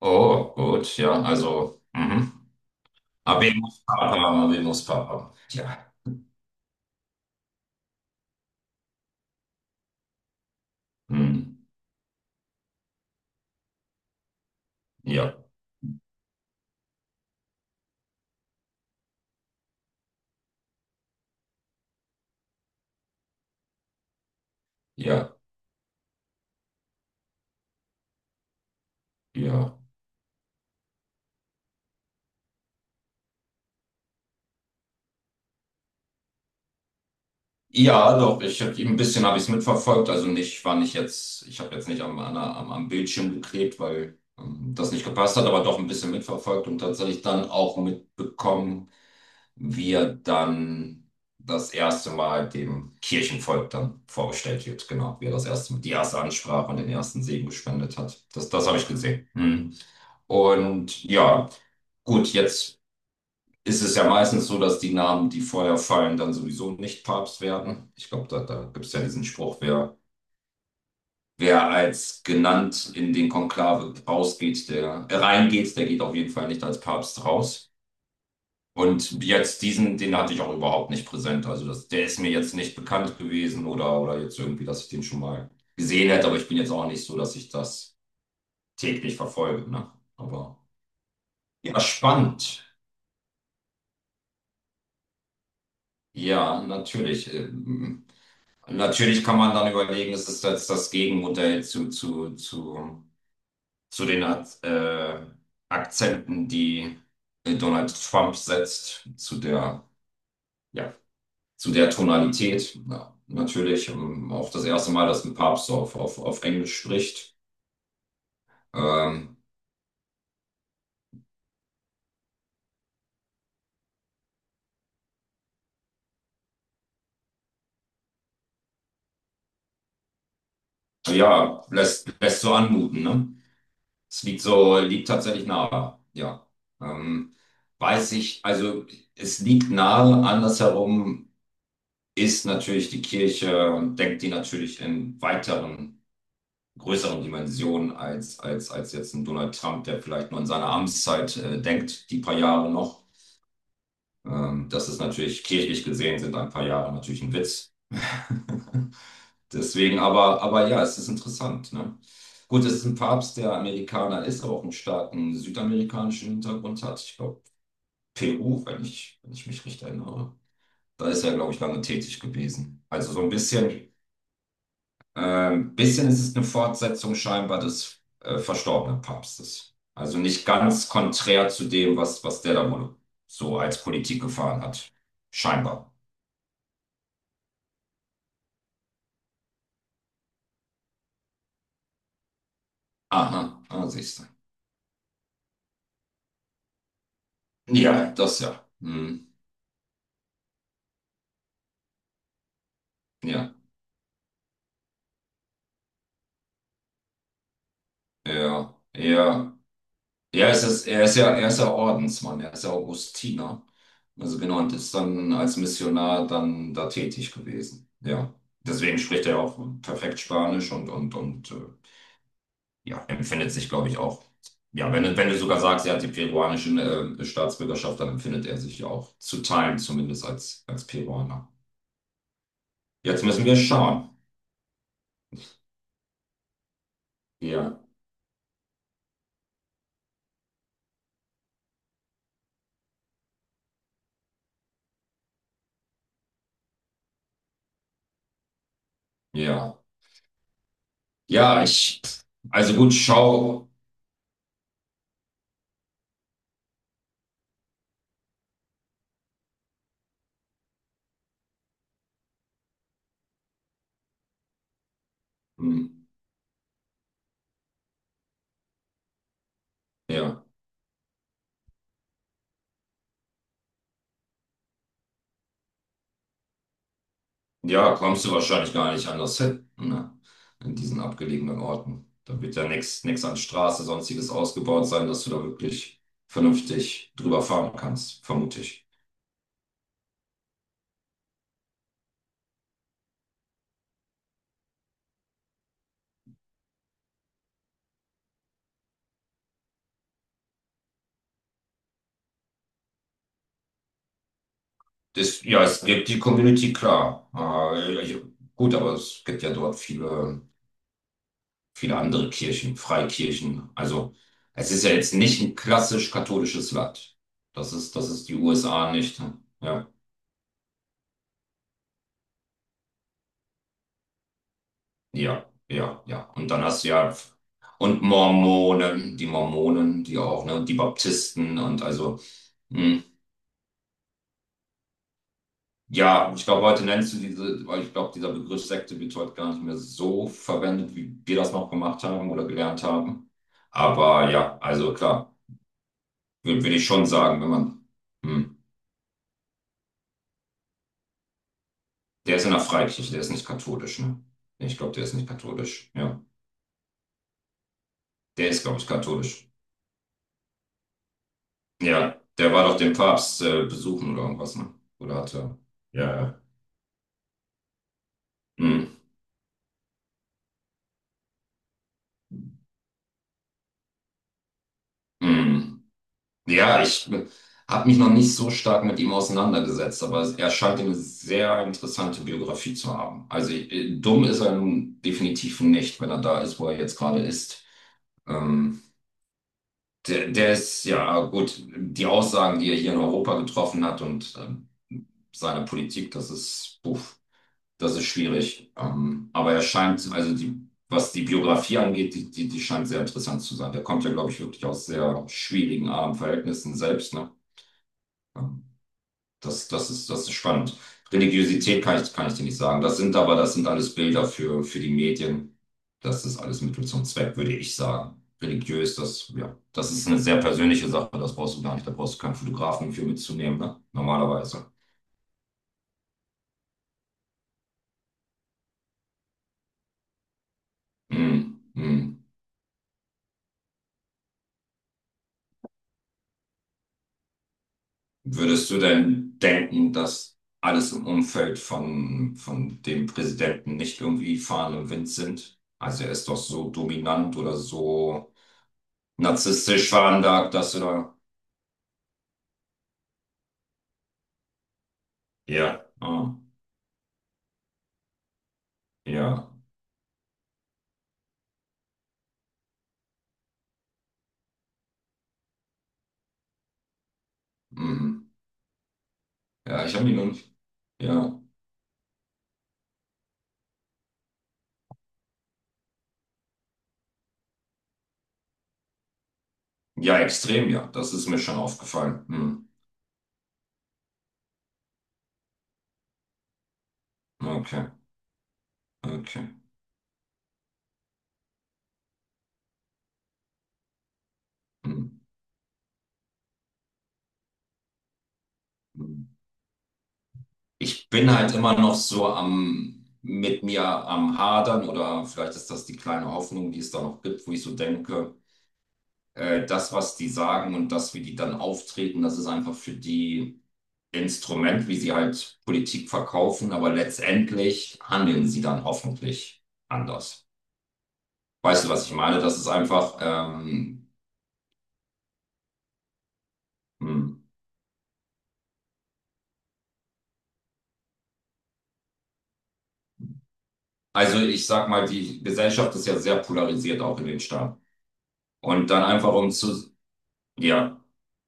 Oh, gut, ja, also, mhm. Habemus Papa, Habemus Papa. Ja, hm, ja, ja, ja. Ja, doch, ich habe ein bisschen habe ich es mitverfolgt. Also nicht, war nicht jetzt, ich habe jetzt nicht am, an, der- am, am Bildschirm geklebt, weil das nicht gepasst hat, aber doch ein bisschen mitverfolgt und tatsächlich dann auch mitbekommen, wie er dann das erste Mal dem Kirchenvolk dann vorgestellt wird. Genau, wie er das erste, Mal die erste Ansprache und den ersten Segen gespendet hat. Das, das habe ich gesehen. Mhm. Und ja, gut, jetzt ist es ja meistens so, dass die Namen, die vorher fallen, dann sowieso nicht Papst werden. Ich glaube, da gibt es ja diesen Spruch, wer als genannt in den Konklave rausgeht, der reingeht, der geht auf jeden Fall nicht als Papst raus. Und jetzt diesen, den hatte ich auch überhaupt nicht präsent. Also das, der ist mir jetzt nicht bekannt gewesen oder jetzt irgendwie, dass ich den schon mal gesehen hätte. Aber ich bin jetzt auch nicht so, dass ich das täglich verfolge. Ne? Aber ja, spannend. Ja, natürlich. Natürlich kann man dann überlegen, es ist jetzt das Gegenmodell zu den Akzenten, die Donald Trump setzt, zu der, ja, zu der Tonalität. Ja, natürlich, auch das erste Mal, dass ein Papst auf Englisch spricht. Ähm, ja, lässt so anmuten, ne? Es liegt so, liegt tatsächlich nahe, ja. Ähm, weiß ich, also es liegt nahe, andersherum ist natürlich die Kirche und denkt die natürlich in weiteren, größeren Dimensionen als jetzt ein Donald Trump, der vielleicht nur in seiner Amtszeit denkt, die paar Jahre noch. Das ist natürlich kirchlich gesehen sind ein paar Jahre natürlich ein Witz. Deswegen, aber ja, es ist interessant. Ne? Gut, es ist ein Papst, der Amerikaner ist, aber auch einen starken südamerikanischen Hintergrund hat. Ich glaube, Peru, wenn ich mich recht erinnere. Da ist er, glaube ich, lange tätig gewesen. Also so ein bisschen, bisschen ist es eine Fortsetzung scheinbar des verstorbenen Papstes. Also nicht ganz konträr zu dem, was der da wohl so als Politik gefahren hat. Scheinbar. Aha, ah, siehst du. Ja, das ja. Hm, ja, ja, ja. Er ist ja Ordensmann, er ist ja Augustiner. Also genau, und ist dann als Missionar dann da tätig gewesen. Ja. Deswegen spricht er auch perfekt Spanisch und ja, empfindet sich, glaube ich, auch. Ja, wenn du sogar sagst, er hat die peruanische Staatsbürgerschaft, dann empfindet er sich ja auch zu Teilen zumindest als Peruaner. Jetzt müssen wir schauen. Ja, ja. Ja, ich, also gut, schau, hm, ja, ja, kommst du wahrscheinlich gar nicht anders hin, ne? In diesen abgelegenen Orten. Da wird ja nichts an Straße, sonstiges ausgebaut sein, dass du da wirklich vernünftig drüber fahren kannst, vermute ich. Das, ja, es gibt die Community, klar. Ich, gut, aber es gibt ja dort viele andere Kirchen, Freikirchen. Also, es ist ja jetzt nicht ein klassisch katholisches Land. Das ist die USA nicht. Ne? Ja. Ja, ja, ja. Und dann hast du ja, und Mormonen, die auch, ne, und die Baptisten und also, mh, ja, ich glaube, heute nennst du diese, weil ich glaube, dieser Begriff Sekte wird heute gar nicht mehr so verwendet, wie wir das noch gemacht haben oder gelernt haben. Aber ja, also klar, würd ich schon sagen, wenn man, mh, der ist in der Freikirche, der ist nicht katholisch, ne? Ich glaube, der ist nicht katholisch, ja. Der ist, glaube ich, katholisch. Ja, der war doch den Papst besuchen oder irgendwas, ne? Oder hatte. Ja, ja. Hm, hm. Ja, ich habe mich noch nicht so stark mit ihm auseinandergesetzt, aber er scheint eine sehr interessante Biografie zu haben. Also dumm ist er nun definitiv nicht, wenn er da ist, wo er jetzt gerade ist. Ähm, der ist, ja gut, die Aussagen, die er hier in Europa getroffen hat und seine Politik, das ist, puh. Das ist schwierig. Aber er scheint, also die, was die Biografie angeht, die scheint sehr interessant zu sein. Der kommt ja, glaube ich, wirklich aus sehr schwierigen, armen Verhältnissen selbst, ne? Ähm, das, das ist spannend. Religiosität kann ich dir nicht sagen. Das sind aber, das sind alles Bilder für die Medien. Das ist alles Mittel zum Zweck, würde ich sagen. Religiös, das, ja, das ist eine sehr persönliche Sache, das brauchst du gar nicht, da brauchst du keinen Fotografen für mitzunehmen, ne? Normalerweise. Mm, mm. Würdest du denn denken, dass alles im Umfeld von dem Präsidenten nicht irgendwie Fahnen im Wind sind? Also er ist doch so dominant oder so narzisstisch veranlagt, dass du da... Ja, ah, ja, mhm. Ja, ich habe ihn noch nicht... Ja, ja, extrem, ja. Das ist mir schon aufgefallen. Hm. Okay, okay. Hm. Hm. Ich bin halt immer noch so am... mit mir am Hadern oder vielleicht ist das die kleine Hoffnung, die es da noch gibt, wo ich so denke, das, was die sagen und das, wie die dann auftreten, das ist einfach für die Instrument, wie sie halt Politik verkaufen, aber letztendlich handeln sie dann hoffentlich anders. Weißt du, was ich meine? Das ist einfach, hm. Also ich sag mal, die Gesellschaft ist ja sehr polarisiert, auch in den Staaten. Und dann einfach um zu, ja,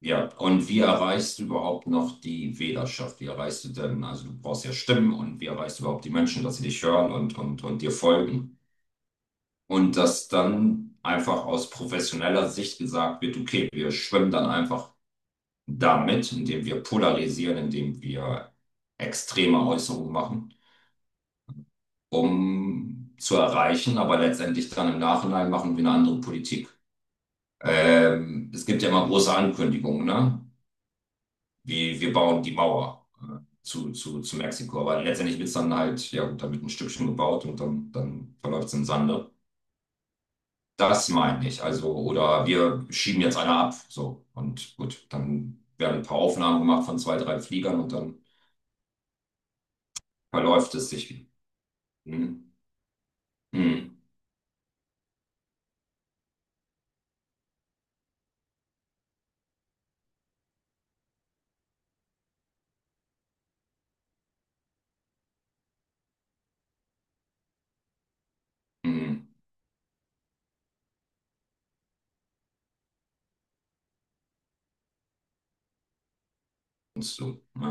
ja. Und wie erreichst du überhaupt noch die Wählerschaft? Wie erreichst du denn, also du brauchst ja Stimmen und wie erreichst du überhaupt die Menschen, dass sie dich hören und dir folgen? Und dass dann einfach aus professioneller Sicht gesagt wird, okay, wir schwimmen dann einfach damit, indem wir polarisieren, indem wir extreme Äußerungen machen, um zu erreichen, aber letztendlich dann im Nachhinein machen wir eine andere Politik. Es gibt ja immer große Ankündigungen, ne? Wie wir bauen die Mauer zu Mexiko, aber letztendlich wird es dann halt, ja gut, da wird ein Stückchen gebaut und dann, dann verläuft es im Sande. Das meine ich. Also, oder wir schieben jetzt einer ab. So. Und gut, dann werden ein paar Aufnahmen gemacht von zwei, drei Fliegern und dann verläuft es sich. Hm, hm, hm. Hm. Und so. Ne?